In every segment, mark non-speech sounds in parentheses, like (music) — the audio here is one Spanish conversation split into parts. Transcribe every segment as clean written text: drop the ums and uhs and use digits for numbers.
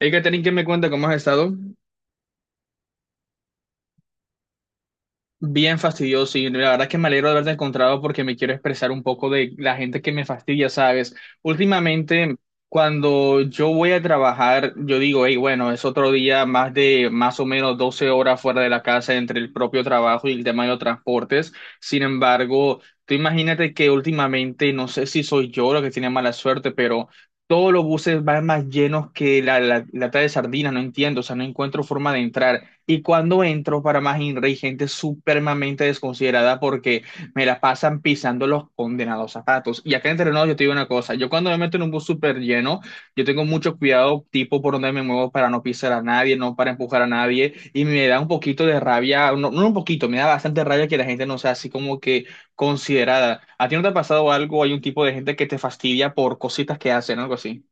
Hey, Catherine, ¿qué me cuenta? ¿Cómo has estado? Bien fastidioso y la verdad es que me alegro de haberte encontrado porque me quiero expresar un poco de la gente que me fastidia, ¿sabes? Últimamente, cuando yo voy a trabajar, yo digo, hey, bueno, es otro día más de más o menos 12 horas fuera de la casa entre el propio trabajo y el tema de los transportes. Sin embargo, tú imagínate que últimamente, no sé si soy yo lo que tiene mala suerte, pero... Todos los buses van más llenos que la lata de sardinas, no entiendo, o sea, no encuentro forma de entrar. Y cuando entro para más INRA hay gente supremamente desconsiderada porque me la pasan pisando los condenados zapatos. Y acá en Terrenos yo te digo una cosa, yo cuando me meto en un bus súper lleno, yo tengo mucho cuidado tipo por donde me muevo para no pisar a nadie, no para empujar a nadie. Y me da un poquito de rabia, no, no un poquito, me da bastante rabia que la gente no sea así como que considerada. ¿A ti no te ha pasado algo? Hay un tipo de gente que te fastidia por cositas que hacen, algo así.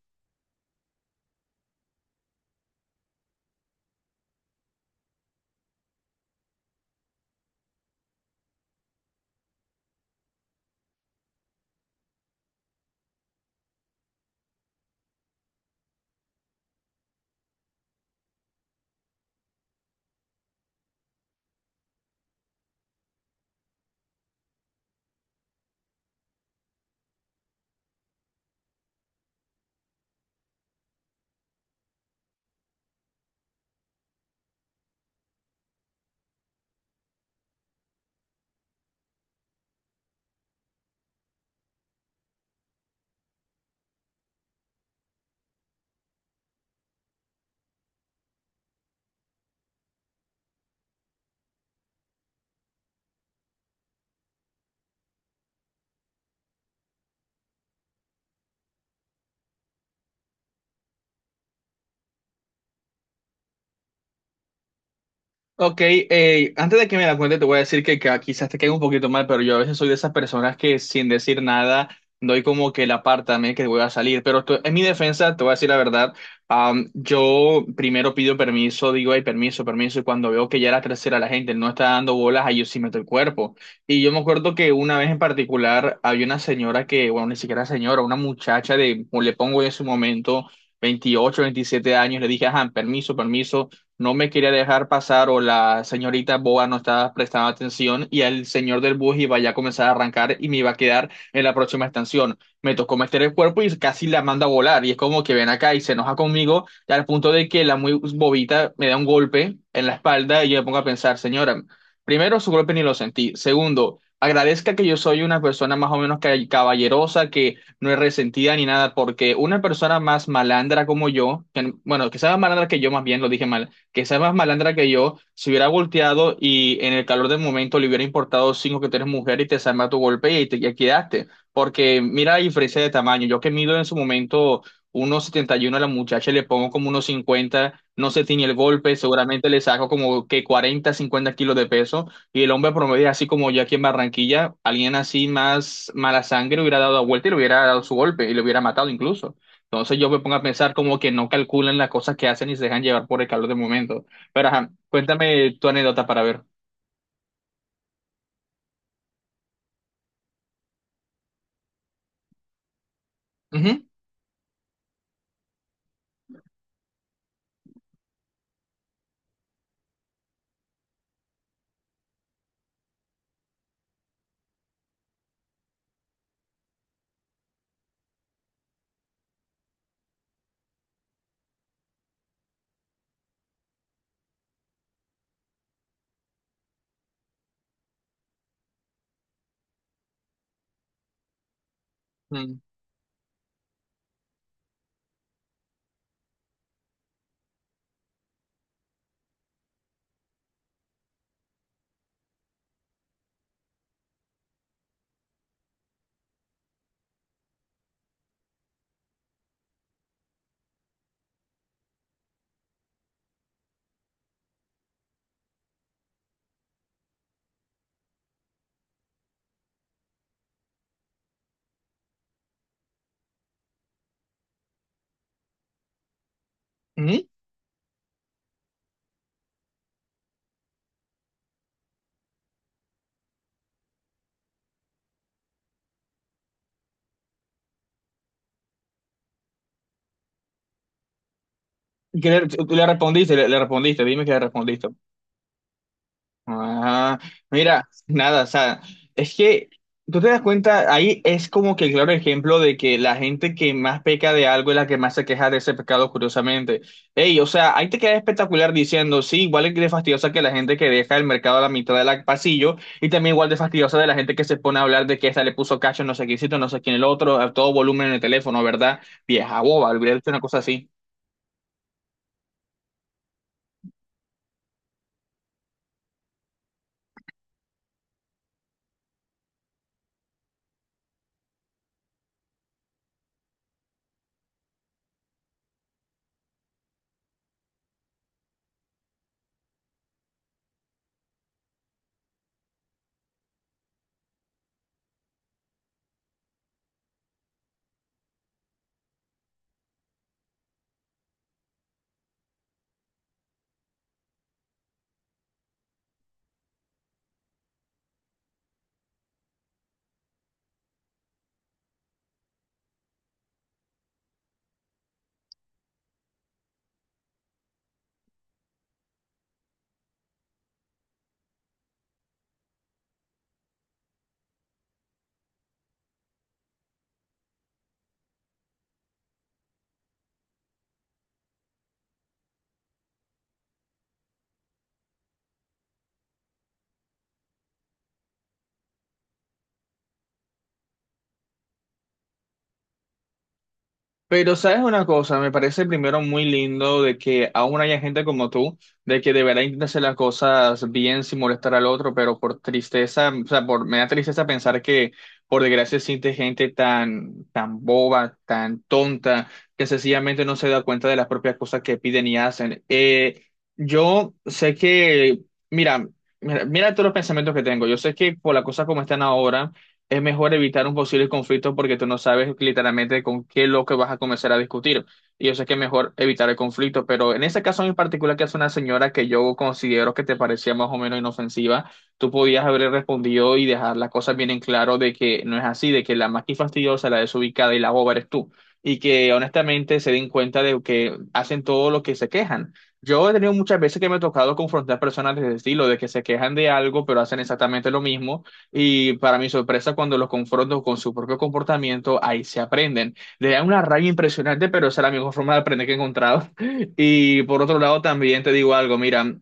Ok, antes de que me la cuente, te voy a decir que, quizás te quede un poquito mal, pero yo a veces soy de esas personas que sin decir nada doy como que la también que voy a salir. Pero en mi defensa, te voy a decir la verdad, yo primero pido permiso, digo, ay, permiso, permiso, y cuando veo que ya la tercera la gente no está dando bolas, ahí yo sí meto el cuerpo. Y yo me acuerdo que una vez en particular había una señora que, bueno, ni siquiera señora, una muchacha de, o le pongo en su momento, 28, 27 años, le dije, ajá, permiso, permiso no me quería dejar pasar o la señorita boba no estaba prestando atención y el señor del bus iba ya a comenzar a arrancar y me iba a quedar en la próxima estación. Me tocó meter el cuerpo y casi la manda a volar y es como que ven acá y se enoja conmigo al punto de que la muy bobita me da un golpe en la espalda y yo me pongo a pensar, señora, primero su golpe ni lo sentí, segundo... Agradezca que yo soy una persona más o menos caballerosa, que no es resentida ni nada, porque una persona más malandra como yo, que, bueno, que sea más malandra que yo, más bien lo dije mal que sea más malandra que yo, se hubiera volteado y en el calor del momento le hubiera importado cinco que tú eres mujer y te salma tu golpe y te ya quedaste. Porque mira la diferencia de tamaño. Yo que mido en su momento unos 71 a la muchacha, le pongo como unos 50 no se tiñe el golpe, seguramente le saco como que 40 50 kilos de peso. Y el hombre promedio, así como yo aquí en Barranquilla, alguien así más mala sangre hubiera dado la vuelta y le hubiera dado su golpe y le hubiera matado incluso. Entonces yo me pongo a pensar como que no calculan las cosas que hacen y se dejan llevar por el calor del momento. Pero ajá, cuéntame tu anécdota para ver. Ujú. Mm. Ujú. ¿Y qué le, tú le respondiste? Le respondiste, dime que le respondiste. Ah, mira, nada, o sea, es que tú te das cuenta, ahí es como que el claro ejemplo de que la gente que más peca de algo es la que más se queja de ese pecado, curiosamente. Ey, o sea, ahí te queda espectacular diciendo, sí, igual es de fastidiosa que la gente que deja el mercado a la mitad del pasillo, y también igual de fastidiosa de la gente que se pone a hablar de que esta le puso cacho, no sé quién, no sé quién el otro, a todo volumen en el teléfono, ¿verdad? Vieja boba, olvidé una cosa así. Pero sabes una cosa, me parece primero muy lindo de que aún haya gente como tú, de que de verdad intenta hacer las cosas bien sin molestar al otro, pero por tristeza, o sea, por, me da tristeza pensar que por desgracia existe gente tan, tan boba, tan tonta, que sencillamente no se da cuenta de las propias cosas que piden y hacen. Yo sé que, mira, mira, mira todos los pensamientos que tengo, yo sé que por las cosas como están ahora es mejor evitar un posible conflicto porque tú no sabes literalmente con qué loco vas a comenzar a discutir. Y yo sé que es mejor evitar el conflicto, pero en ese caso en particular, que es una señora que yo considero que te parecía más o menos inofensiva, tú podías haber respondido y dejar las cosas bien en claro de que no es así, de que la más que fastidiosa, la desubicada y la boba eres tú. Y que honestamente se den cuenta de que hacen todo lo que se quejan. Yo he tenido muchas veces que me he tocado confrontar personas de ese estilo, de que se quejan de algo, pero hacen exactamente lo mismo y para mi sorpresa, cuando los confronto con su propio comportamiento, ahí se aprenden. Le da una rabia impresionante, pero esa es la mejor forma de aprender que he encontrado. (laughs) Y por otro lado, también te digo algo, mira,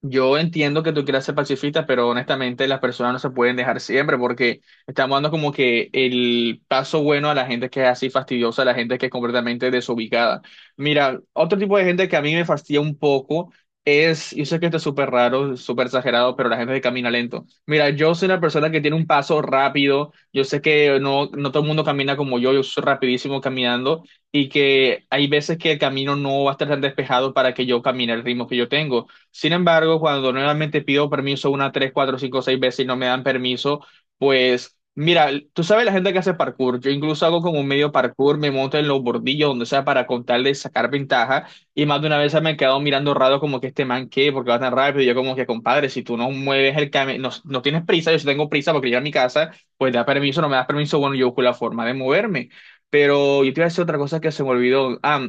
yo entiendo que tú quieras ser pacifista, pero honestamente las personas no se pueden dejar siempre porque estamos dando como que el paso bueno a la gente que es así fastidiosa, a la gente que es completamente desubicada. Mira, otro tipo de gente que a mí me fastidia un poco es, yo sé que esto es súper raro, súper exagerado, pero la gente que camina lento. Mira, yo soy una persona que tiene un paso rápido, yo sé que no todo el mundo camina como yo soy rapidísimo caminando y que hay veces que el camino no va a estar tan despejado para que yo camine al ritmo que yo tengo. Sin embargo, cuando nuevamente pido permiso una, tres, cuatro, cinco, seis veces y no me dan permiso, pues mira, tú sabes la gente que hace parkour. Yo incluso hago como un medio parkour, me monto en los bordillos, donde sea, para contar de sacar ventaja. Y más de una vez se me han quedado mirando raro como que este man qué, porque va tan rápido. Y yo como que, compadre, si tú no mueves el camino, no, no tienes prisa, yo sí tengo prisa porque llegar a mi casa, pues da permiso, no me das permiso, bueno, yo busco la forma de moverme. Pero yo te iba a decir otra cosa que se me olvidó. Ah,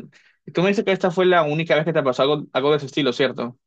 tú me dices que esta fue la única vez que te pasó algo, algo de ese estilo, ¿cierto?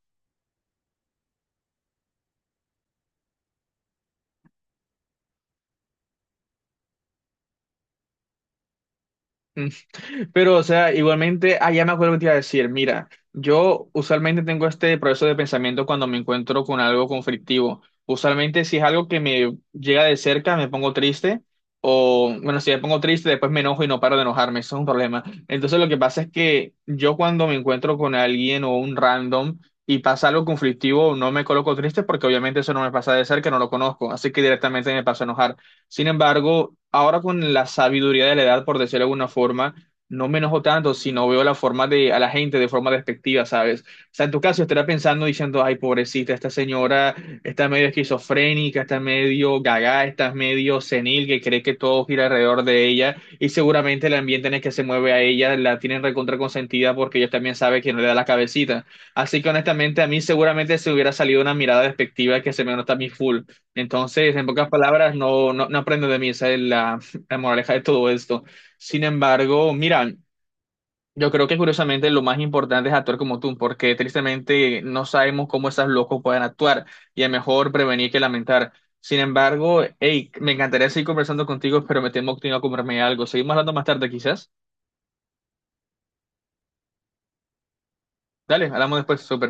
Pero, o sea, igualmente, ah, ya me acuerdo que te iba a decir, mira, yo usualmente tengo este proceso de pensamiento cuando me encuentro con algo conflictivo. Usualmente, si es algo que me llega de cerca, me pongo triste, o bueno, si me pongo triste, después me enojo y no paro de enojarme, eso es un problema. Entonces, lo que pasa es que yo cuando me encuentro con alguien o un random y pasa algo conflictivo, no me coloco triste porque obviamente eso no me pasa de cerca, no lo conozco, así que directamente me paso a enojar. Sin embargo, ahora con la sabiduría de la edad, por decirlo de alguna forma, no me enojo tanto, sino veo la forma de, a la gente de forma despectiva, ¿sabes? O sea, en tu caso estará pensando diciendo, ay, pobrecita, esta señora está medio esquizofrénica, está medio gaga, está medio senil, que cree que todo gira alrededor de ella, y seguramente el ambiente en el que se mueve a ella la tienen recontra consentida porque ellos también saben que no le da la cabecita. Así que honestamente a mí seguramente se hubiera salido una mirada despectiva que se me nota a mí full. Entonces, en pocas palabras, no, no, no aprendo de mí, esa es la moraleja de todo esto. Sin embargo, mira, yo creo que curiosamente lo más importante es actuar como tú, porque tristemente no sabemos cómo esos locos pueden actuar y es mejor prevenir que lamentar. Sin embargo, hey, me encantaría seguir conversando contigo, pero me temo que tengo que comerme algo. Seguimos hablando más tarde, quizás. Dale, hablamos después, súper.